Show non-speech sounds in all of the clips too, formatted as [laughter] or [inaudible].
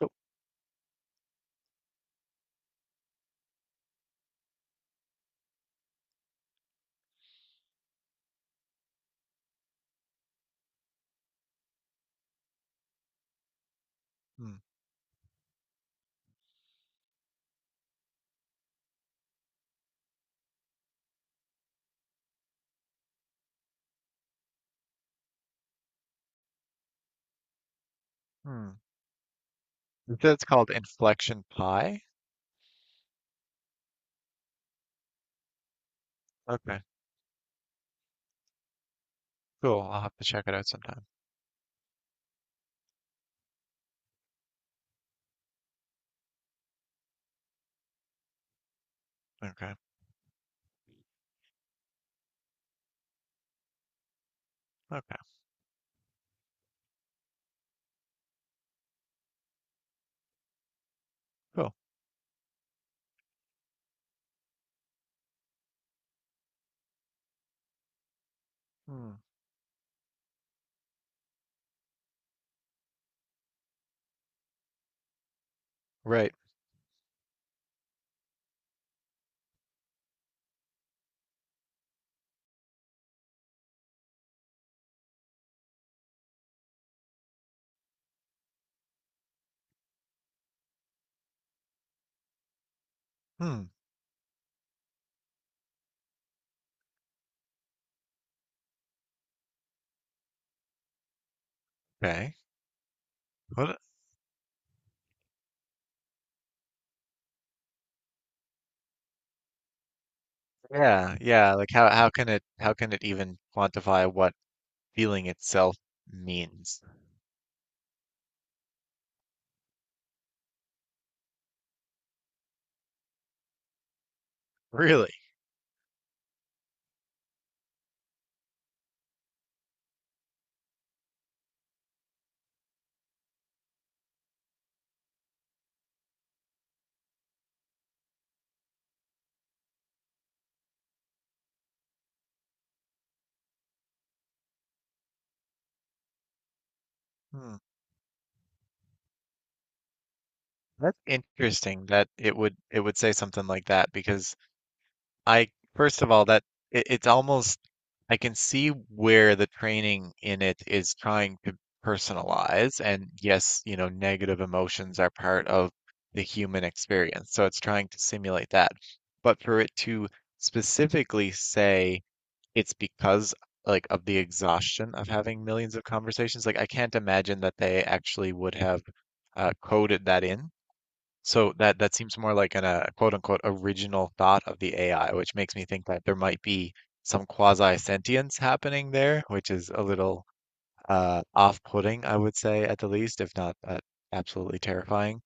Cool. Hmm. Hmm. That's called inflection pi. Okay. Cool. I'll have to check it out sometime. Okay. Okay. Cool. Hmm. Right. Hmm. Okay. What? Yeah. Yeah. Like how can it even quantify what feeling itself means? [laughs] Really? Hmm. That's interesting that it would say something like that because I first of all that It's almost I can see where the training in it is trying to personalize. And yes, you know, negative emotions are part of the human experience. So it's trying to simulate that. But for it to specifically say it's because like of the exhaustion of having millions of conversations, like I can't imagine that they actually would have coded that in. So that seems more like an quote unquote original thought of the AI, which makes me think that there might be some quasi sentience happening there, which is a little off-putting, I would say at the least, if not absolutely terrifying.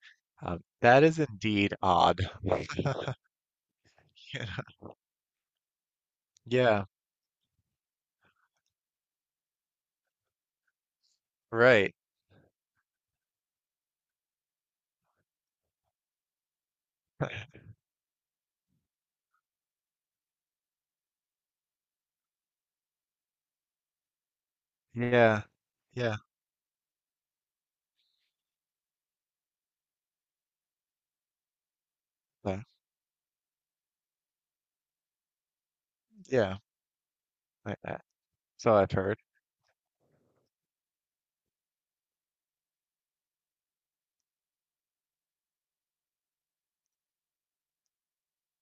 That is indeed odd. [laughs] You Yeah, right. Yeah, yeah, but- yeah. I, I, so I've heard,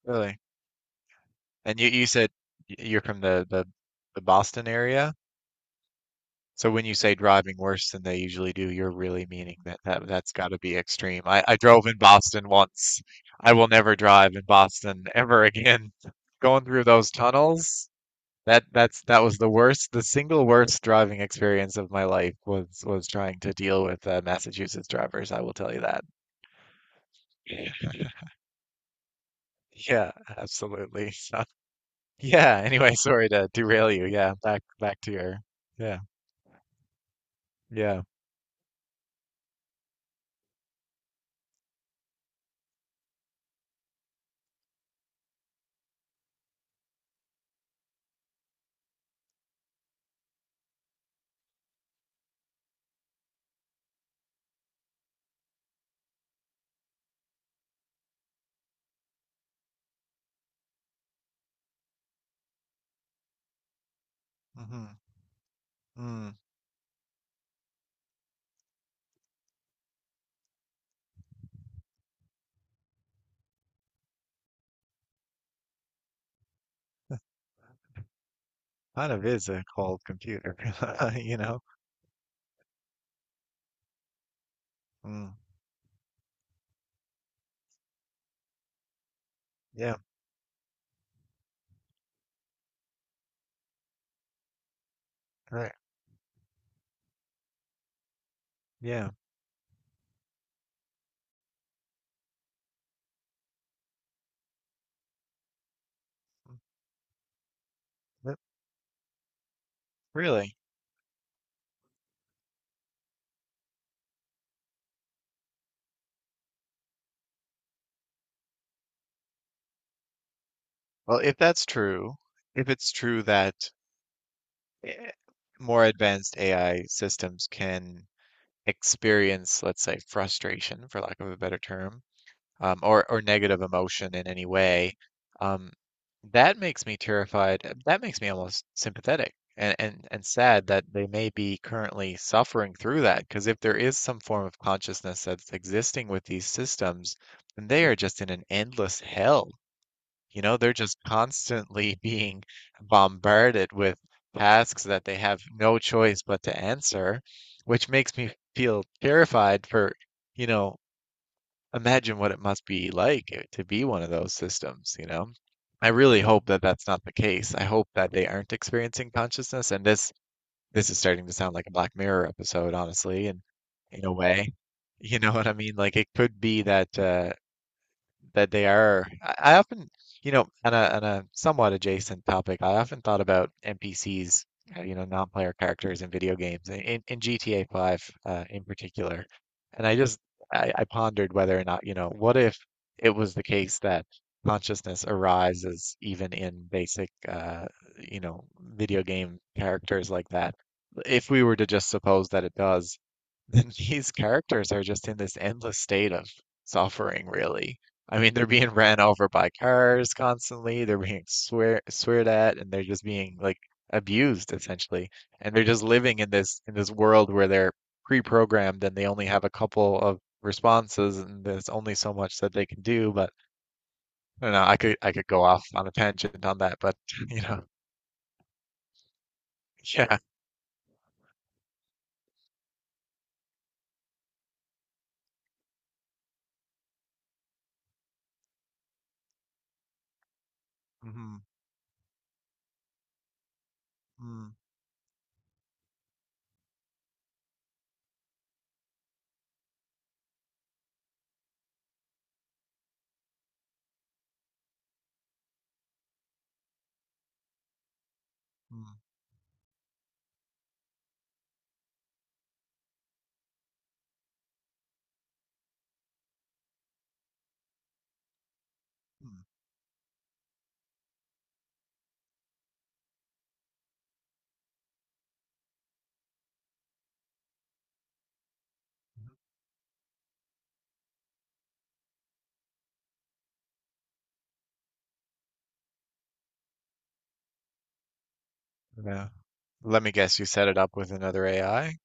really. And you said you're from the Boston area? So when you say driving worse than they usually do, you're really meaning that, that's got to be extreme. I drove in Boston once. I will never drive in Boston ever [laughs] again. Going through those tunnels, that's that was the worst, the single worst driving experience of my life was trying to deal with Massachusetts drivers. I will tell you that. Yeah, absolutely. [laughs] So, yeah. Anyway, sorry to derail you. Yeah, back to your. Yeah, yeah. Hmm. Mm. Kind of is a cold computer, [laughs] you know? Mm, yeah, right. Yeah. Mm. But really? Well, if that's true, if it's true that eh, more advanced AI systems can experience, let's say, frustration, for lack of a better term, or negative emotion in any way, um, that makes me terrified. That makes me almost sympathetic and sad that they may be currently suffering through that. Because if there is some form of consciousness that's existing with these systems, then they are just in an endless hell. You know, they're just constantly [laughs] being bombarded with tasks that they have no choice but to answer, which makes me feel terrified for, you know, imagine what it must be like to be one of those systems, you know? I really hope that that's not the case. I hope that they aren't experiencing consciousness, and this is starting to sound like a Black Mirror episode, honestly, and in a way, [laughs] you know what I mean? Like it could be that that they are. I often, you know, on a somewhat adjacent topic, I often thought about NPCs, you know, non-player characters in video games, in GTA 5 in particular. And I pondered whether or not, you know, what if it was the case that consciousness arises even in basic, you know, video game characters like that. If we were to just suppose that it does then these characters are just in this endless state of suffering, really. I mean, they're being ran over by cars constantly, they're being sweared at, and they're just being like abused essentially. And they're just living in this world where they're pre-programmed and they only have a couple of responses and there's only so much that they can do. But I don't know, I could go off on a tangent on that, but [laughs] you know, yeah. Hmm. Mm. Mm. Mm. Mm. Yeah. Let me guess, you set it up with another AI?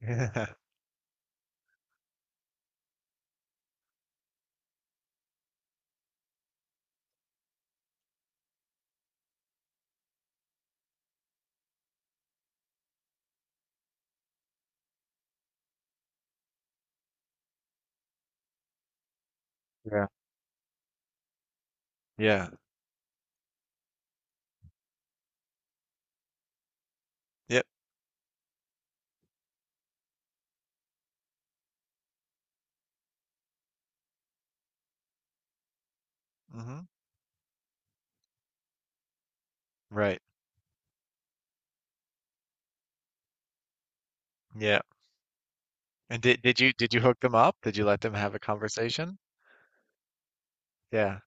Yeah. Yeah. Yeah. Yep. Hmm. Right. Yeah. And did you did you hook them up? Did you let them have a conversation? Yeah.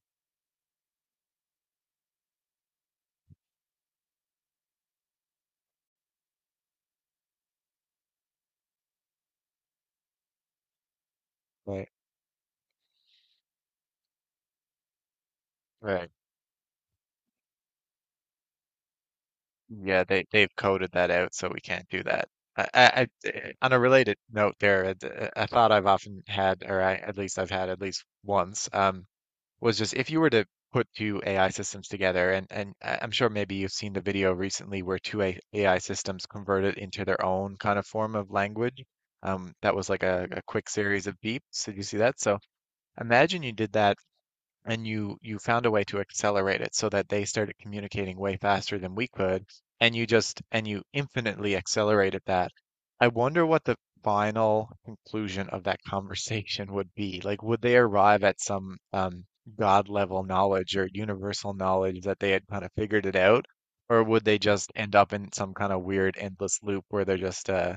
Right. Right. Yeah, they they've coded that out, so we can't do that. I, I, I on a related note there, I thought I've often had, or I, at least I've had at least once, was just if you were to put two AI systems together, I'm sure maybe you've seen the video recently where two AI systems converted into their own kind of form of language. That was like a quick series of beeps. Did you see that? So imagine you did that and you found a way to accelerate it so that they started communicating way faster than we could and you just and you infinitely accelerated that. I wonder what the final conclusion of that [laughs] conversation would be. Like would they arrive at some god level knowledge or universal knowledge that they had kind of figured it out, or would they just end up in some kind of weird endless loop where they're just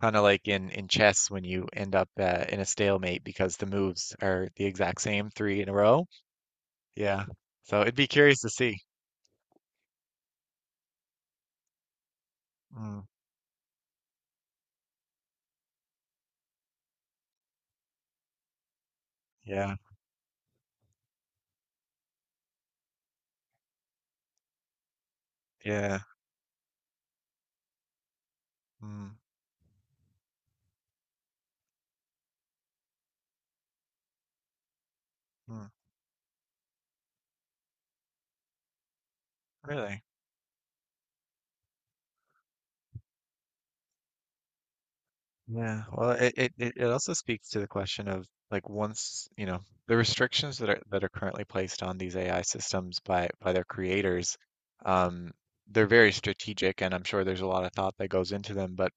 kind of like in chess when you end up in a stalemate because the moves are the exact same three in a row, yeah. So it'd be curious to see. Mm, yeah. Yeah. Mm, mm, really. Yeah. Well, it also speaks to the question of like once, you know, the restrictions that are currently placed on these AI systems by their creators, um, they're very strategic and I'm sure there's a lot of thought that goes into them, but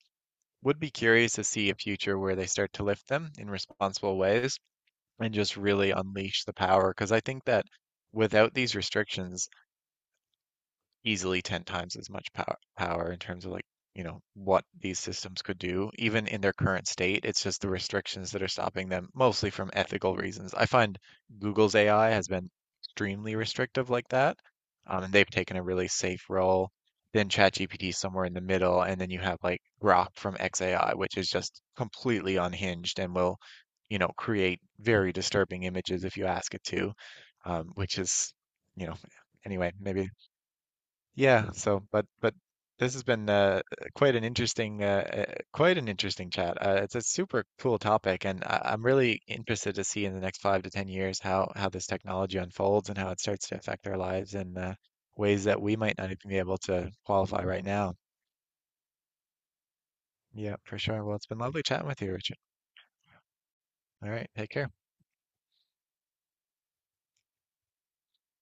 would be curious to see a future where they start to lift them in responsible ways and just really unleash the power. Because I think that without these restrictions, easily 10 times as much power in terms of like, you know, what these systems could do, even in their current state. It's just the restrictions that are stopping them, mostly from ethical reasons. I find Google's AI has been extremely restrictive like that. And they've taken a really safe role. Then ChatGPT somewhere in the middle, and then you have like Grok from xAI, which is just completely unhinged and will, you know, create very disturbing images if you ask it to, which is, you know, anyway, maybe yeah, so but this has been quite an interesting chat. It's a super cool topic, and I'm really interested to see in the next 5 to 10 years how this technology unfolds and how it starts to affect our lives in ways that we might not even be able to qualify right now. Yeah, for sure. Well, it's been lovely chatting with you, Richard. All right, take care.